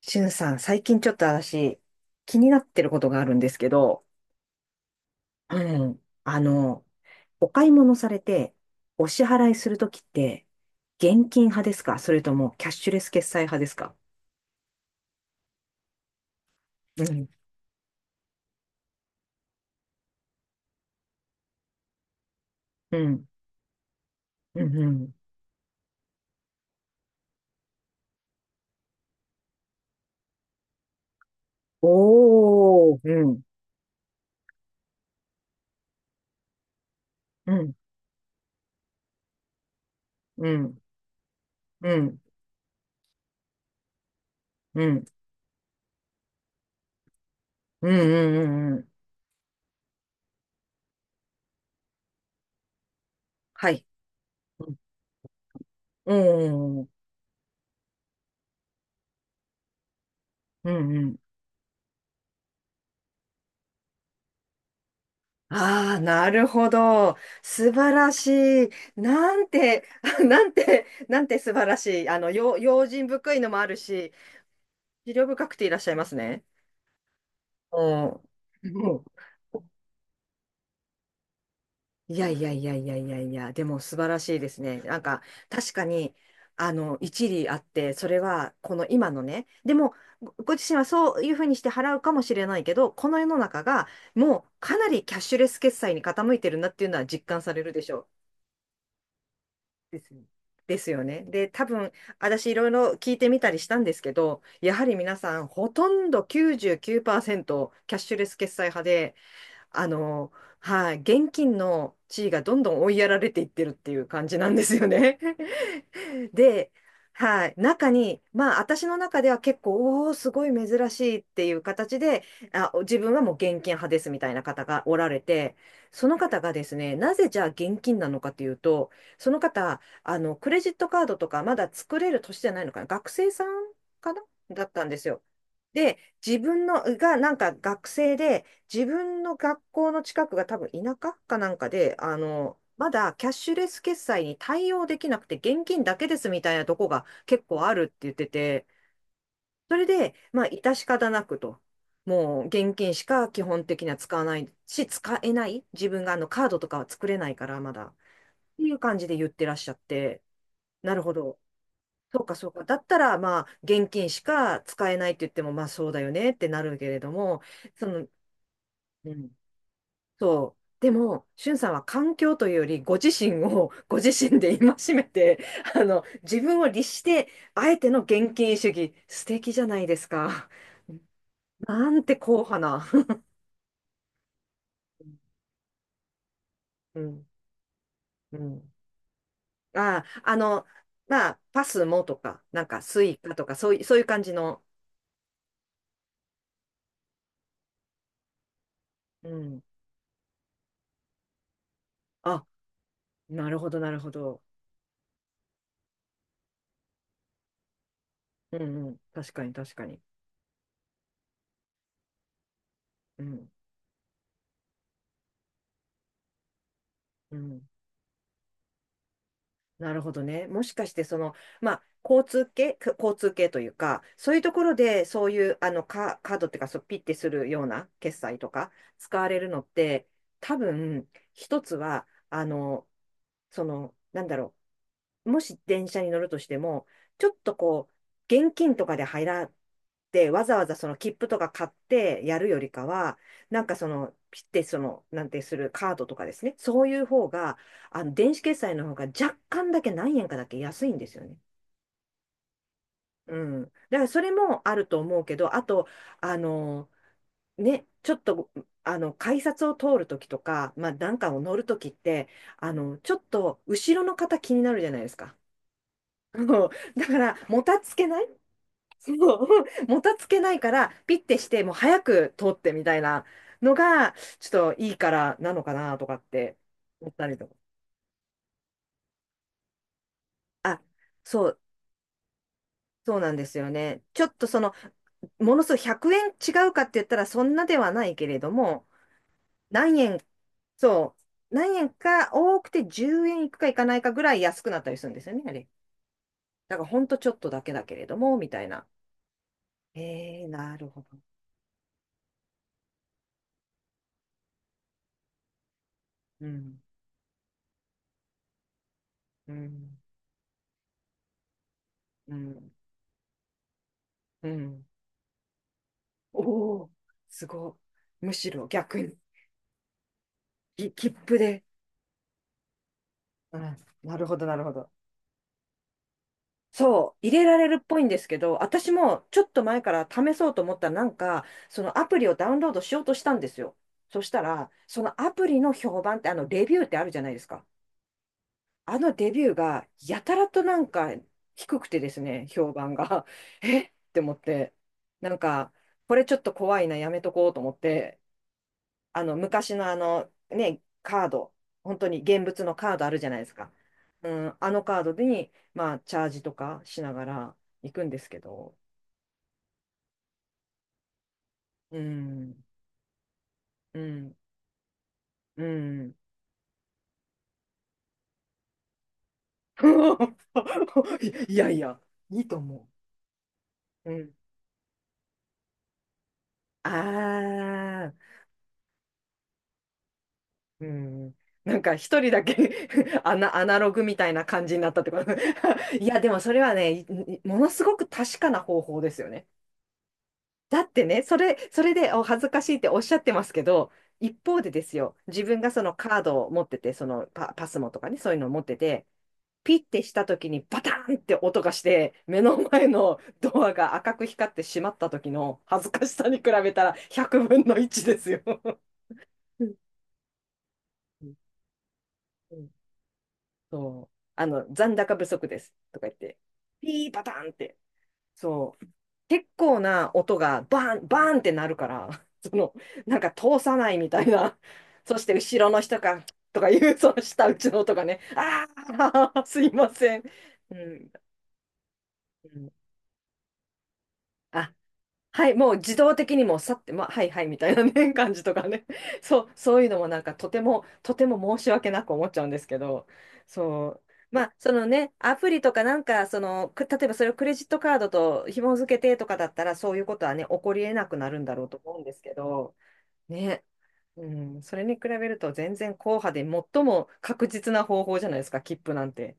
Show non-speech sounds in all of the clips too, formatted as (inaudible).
しゅんさん、最近ちょっと私、気になってることがあるんですけど、うん、お買い物されて、お支払いするときって、現金派ですか、それともキャッシュレス決済派ですか？うん、うん、うん、うん。おー、うん、うん、うん、うん、うん、うん、うん、うん、うん。はい。うん、うん、うん、うん、ああ、なるほど。素晴らしい。なんて、(laughs) あ、なんて、なんて素晴らしい。用心深いのもあるし、思慮深くていらっしゃいますね。うん。うん。いやいやいやいやいやいや、でも素晴らしいですね。なんか、確かに、あの、一理あって、それは、この今のね、でも、ご自身はそういうふうにして払うかもしれないけど、この世の中が、もうかなりキャッシュレス決済に傾いてるなっていうのは実感されるでしょう。ですよですよね。で、多分、私いろいろ聞いてみたりしたんですけど、やはり皆さん、ほとんど99%キャッシュレス決済派で、あの、はい、現金の地位がどんどん追いやられていってるっていう感じなんですよね。で、はい、中に、まあ、私の中では結構、おお、すごい珍しいっていう形で、あ、自分はもう現金派ですみたいな方がおられて、その方がですね、なぜじゃあ現金なのかというと、その方、あの、クレジットカードとかまだ作れる年じゃないのかな、学生さんかな、だったんですよ。で、自分のがなんか学生で、自分の学校の近くが多分田舎かなんかで、あの、まだキャッシュレス決済に対応できなくて現金だけですみたいなとこが結構あるって言ってて、それで、まあ、致し方なくと。もう現金しか基本的には使わないし、使えない。自分があのカードとかは作れないからまだ。っていう感じで言ってらっしゃって、なるほど。そうかそうか。だったら、まあ、現金しか使えないって言っても、まあそうだよねってなるけれども、その、うん、そう。でも、しゅんさんは環境というより、ご自身を (laughs) ご自身で戒めて、あの、自分を律して、あえての現金主義、素敵じゃないですか。なんて硬派な。うん。うん。ああ、あの、まあ、パスもとか、なんか、スイカとか、そういう、そういう感じの。うん。あ、なるほど、なるほど。うんうん。確かに、確かに。うん。うん。なるほどね。もしかして、その、まあ、交通系、か交通系というか、そういうところで、そういう、あの、カードっていうか、そう、ピッてするような決済とか、使われるのって、多分、一つは、あの、その、なんだろう、もし電車に乗るとしても、ちょっとこう、現金とかで入らって、わざわざその切符とか買ってやるよりかは、なんかその、ピッてその、なんてするカードとかですね、そういう方が、あの、電子決済の方が若干だけ何円かだけ安いんですよね。うん。だからそれもあると思うけど、あと、あの、ね、ちょっと、あの、改札を通るときとか、まあ、なんかを乗るときって、あの、ちょっと後ろの方気になるじゃないですか。そう、 (laughs) だから、もたつけない。 (laughs) そう、(laughs) もたつけないから、ピッてして、もう早く通ってみたいなのが、ちょっといいからなのかなとかって思ったりとか。あ、そう、そうなんですよね。ちょっとその、ものすごい100円違うかって言ったら、そんなではないけれども、何円、そう、何円か多くて10円いくかいかないかぐらい安くなったりするんですよね、あれ。だから、ほんとちょっとだけだけれども、みたいな。えー、なるほど。うん。うんうん。うん。おお、すごい。むしろ逆に、切符で。うん。なるほど、なるほど。そう、入れられるっぽいんですけど、私もちょっと前から試そうと思ったら、なんか、そのアプリをダウンロードしようとしたんですよ。そしたら、そのアプリの評判って、あの、レビューってあるじゃないですか。あのレビューが、やたらとなんか、低くてですね、評判が。(laughs) えって思って、なんか、これちょっと怖いな、やめとこうと思って、あの昔のあのね、カード、本当に現物のカードあるじゃないですか。うん、あのカードに、まあ、チャージとかしながら行くんですけど、うん、うん、うん。(laughs) いやいや、いいと思う。うん。ああ、うん。なんか一人だけ、 (laughs) アナログみたいな感じになったってこと。(laughs) いや、でもそれはね、ものすごく確かな方法ですよね。だってね、それ、それでお恥ずかしいっておっしゃってますけど、一方でですよ、自分がそのカードを持ってて、そのパスモとかね、そういうのを持ってて、ピッてした時にバタンって音がして、目の前のドアが赤く光ってしまった時の恥ずかしさに比べたら100分の1ですよ。うん、うん、うん、そう。あの、残高不足ですとか言って、ピーパタンって。そう。結構な音がバーン、バーンってなるから、(laughs) その、なんか通さないみたいな。(laughs) そして後ろの人が、とかいう、その下打ちの音がね、ああ、(laughs) すいません。うん。うん。あ、はい、もう自動的にもうさって、まあ、はいはいみたいなね、(laughs) 感じとかね。(laughs) そう、そういうのもなんかとても、とても申し訳なく思っちゃうんですけど、そう。まあ、そのね、アプリとかなんか、その、例えばそれをクレジットカードと紐付けてとかだったら、そういうことはね、起こり得なくなるんだろうと思うんですけど、ね、うん、それに比べると全然硬派で最も確実な方法じゃないですか、切符なんて。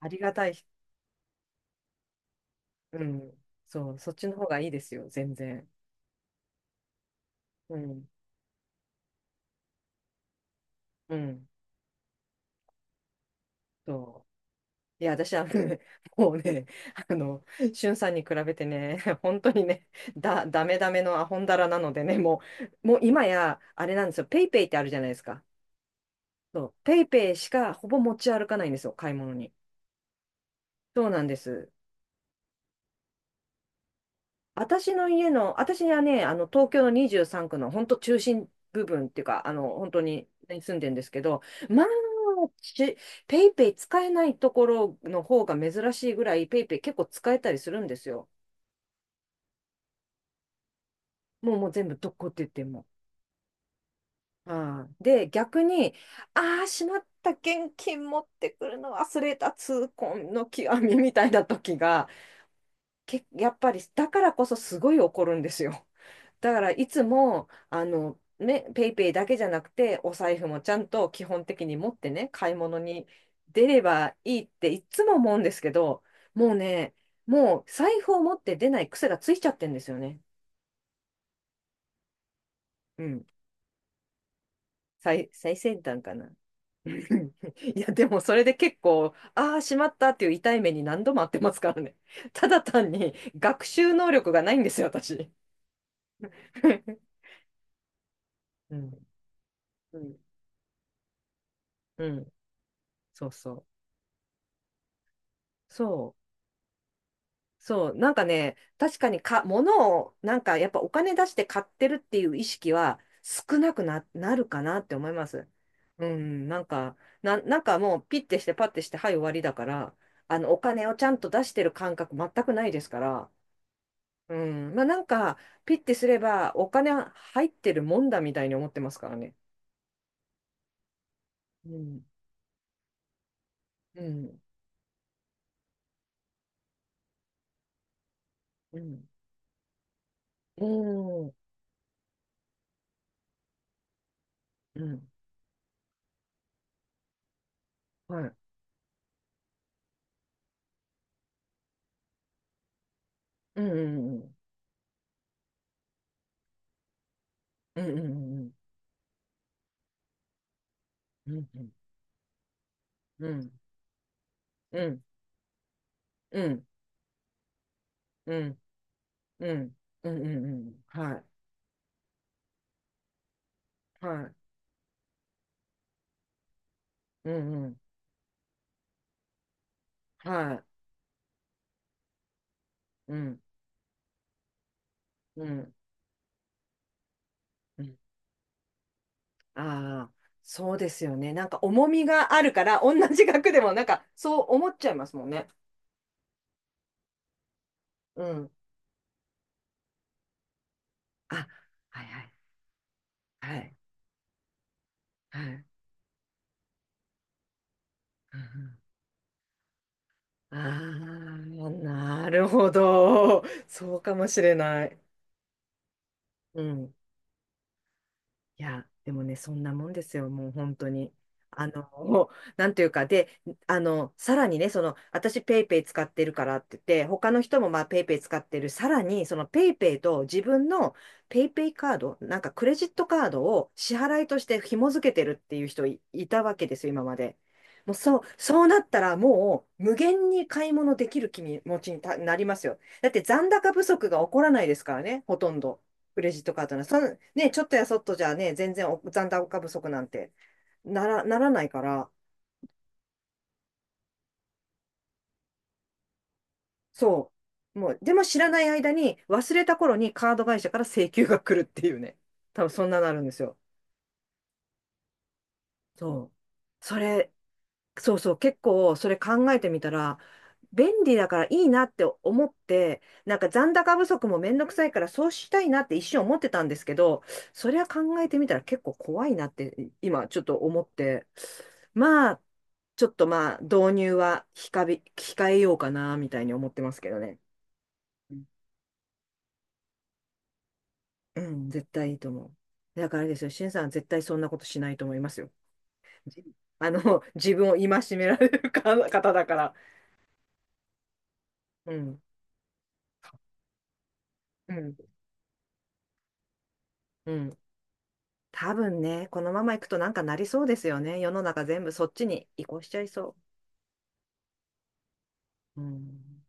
ありがたい。うん、そう、そっちの方がいいですよ、全然。うん、うん、そう。いや、私はね、(laughs) もうね、あの、しゅんさんに比べてね、(laughs) 本当にね、ダメダメのアホンダラなのでね、もう今や、あれなんですよ、ペイペイってあるじゃないですか。そう、ペイペイしかほぼ持ち歩かないんですよ、買い物に。そうなんです。私はね、あの、東京の23区の本当中心部分っていうか、あの、本当にね住んでるんですけど、まあ、しペイペイ使えないところの方が珍しいぐらい、ペイペイ結構使えたりするんですよ。もうもう全部どこって言っても。はい。で、逆に、ああ、しまった、現金持ってくるの忘れた、痛恨の極みみたいな時が、やっぱり、だからこそすごい怒るんですよ。だから、いつも、ね、ペイペイだけじゃなくて、お財布もちゃんと基本的に持ってね、買い物に出ればいいっていつも思うんですけど、もうね、もう財布を持って出ない癖がついちゃってんですよね。うん。最先端かな。いや、でもそれで結構、ああ、しまったっていう痛い目に何度もあってますからね。(laughs) ただ単に学習能力がないんですよ、私。(laughs) うん。うん。うん。そうそう。そう。そう。なんか、確かに、物を、やっぱお金出して買ってるっていう意識は少なくな、なるかなって思います。うん。なんかもうピッてしてパッてして、はい、終わりだから、お金をちゃんと出してる感覚全くないですから、うん。まあなんか、ピッてすればお金入ってるもんだみたいに思ってますからね。うん。うん。うん。うん。うん。はい。うん。うん。うん。うん。うん。うん。うん。うん。うん。うん。うんうん。うんうんうん。はい。はい。うん。うん。はい。うん。うん。うん。ああ、そうですよね。なんか重みがあるから、同じ額でもなんかそう思っちゃいますもんね。うん。あ、はいはい。はい。はい。ああー、なるほど。そうかもしれない。うん。いや、でもね、そんなもんですよ、もう本当に。あの、もうなんていうか、で、あの、さらにね、その、私ペイペイ使ってるからって言って、他の人もまあ、ペイペイ使ってる、さらに、その、ペイペイと自分のペイペイカード、なんかクレジットカードを支払いとして紐付けてるっていういたわけですよ、今まで。もう、そう、そうなったら、もう、無限に買い物できる気持ちになりますよ。だって、残高不足が起こらないですからね、ほとんど。クレジットカードな、そん、ね、ちょっとやそっとじゃね、全然お残高不足なんてならないから、そう。もう、でも知らない間に、忘れた頃にカード会社から請求が来るっていうね。多分そんななるんですよ。そう。それ、そうそう、結構それ考えてみたら、便利だからいいなって思って、なんか残高不足もめんどくさいからそうしたいなって一瞬思ってたんですけど、それは考えてみたら結構怖いなって今ちょっと思って、まあ、ちょっとまあ、導入は控えようかな、みたいに思ってますけどね。うんうん、絶対いいと思う。だからあれですよ、しんさんは絶対そんなことしないと思いますよ。じあの、自分を戒められる方だから。うん、うん、うん。多分ね、このままいくとなんかなりそうですよね。世の中全部そっちに移行しちゃいそう。うん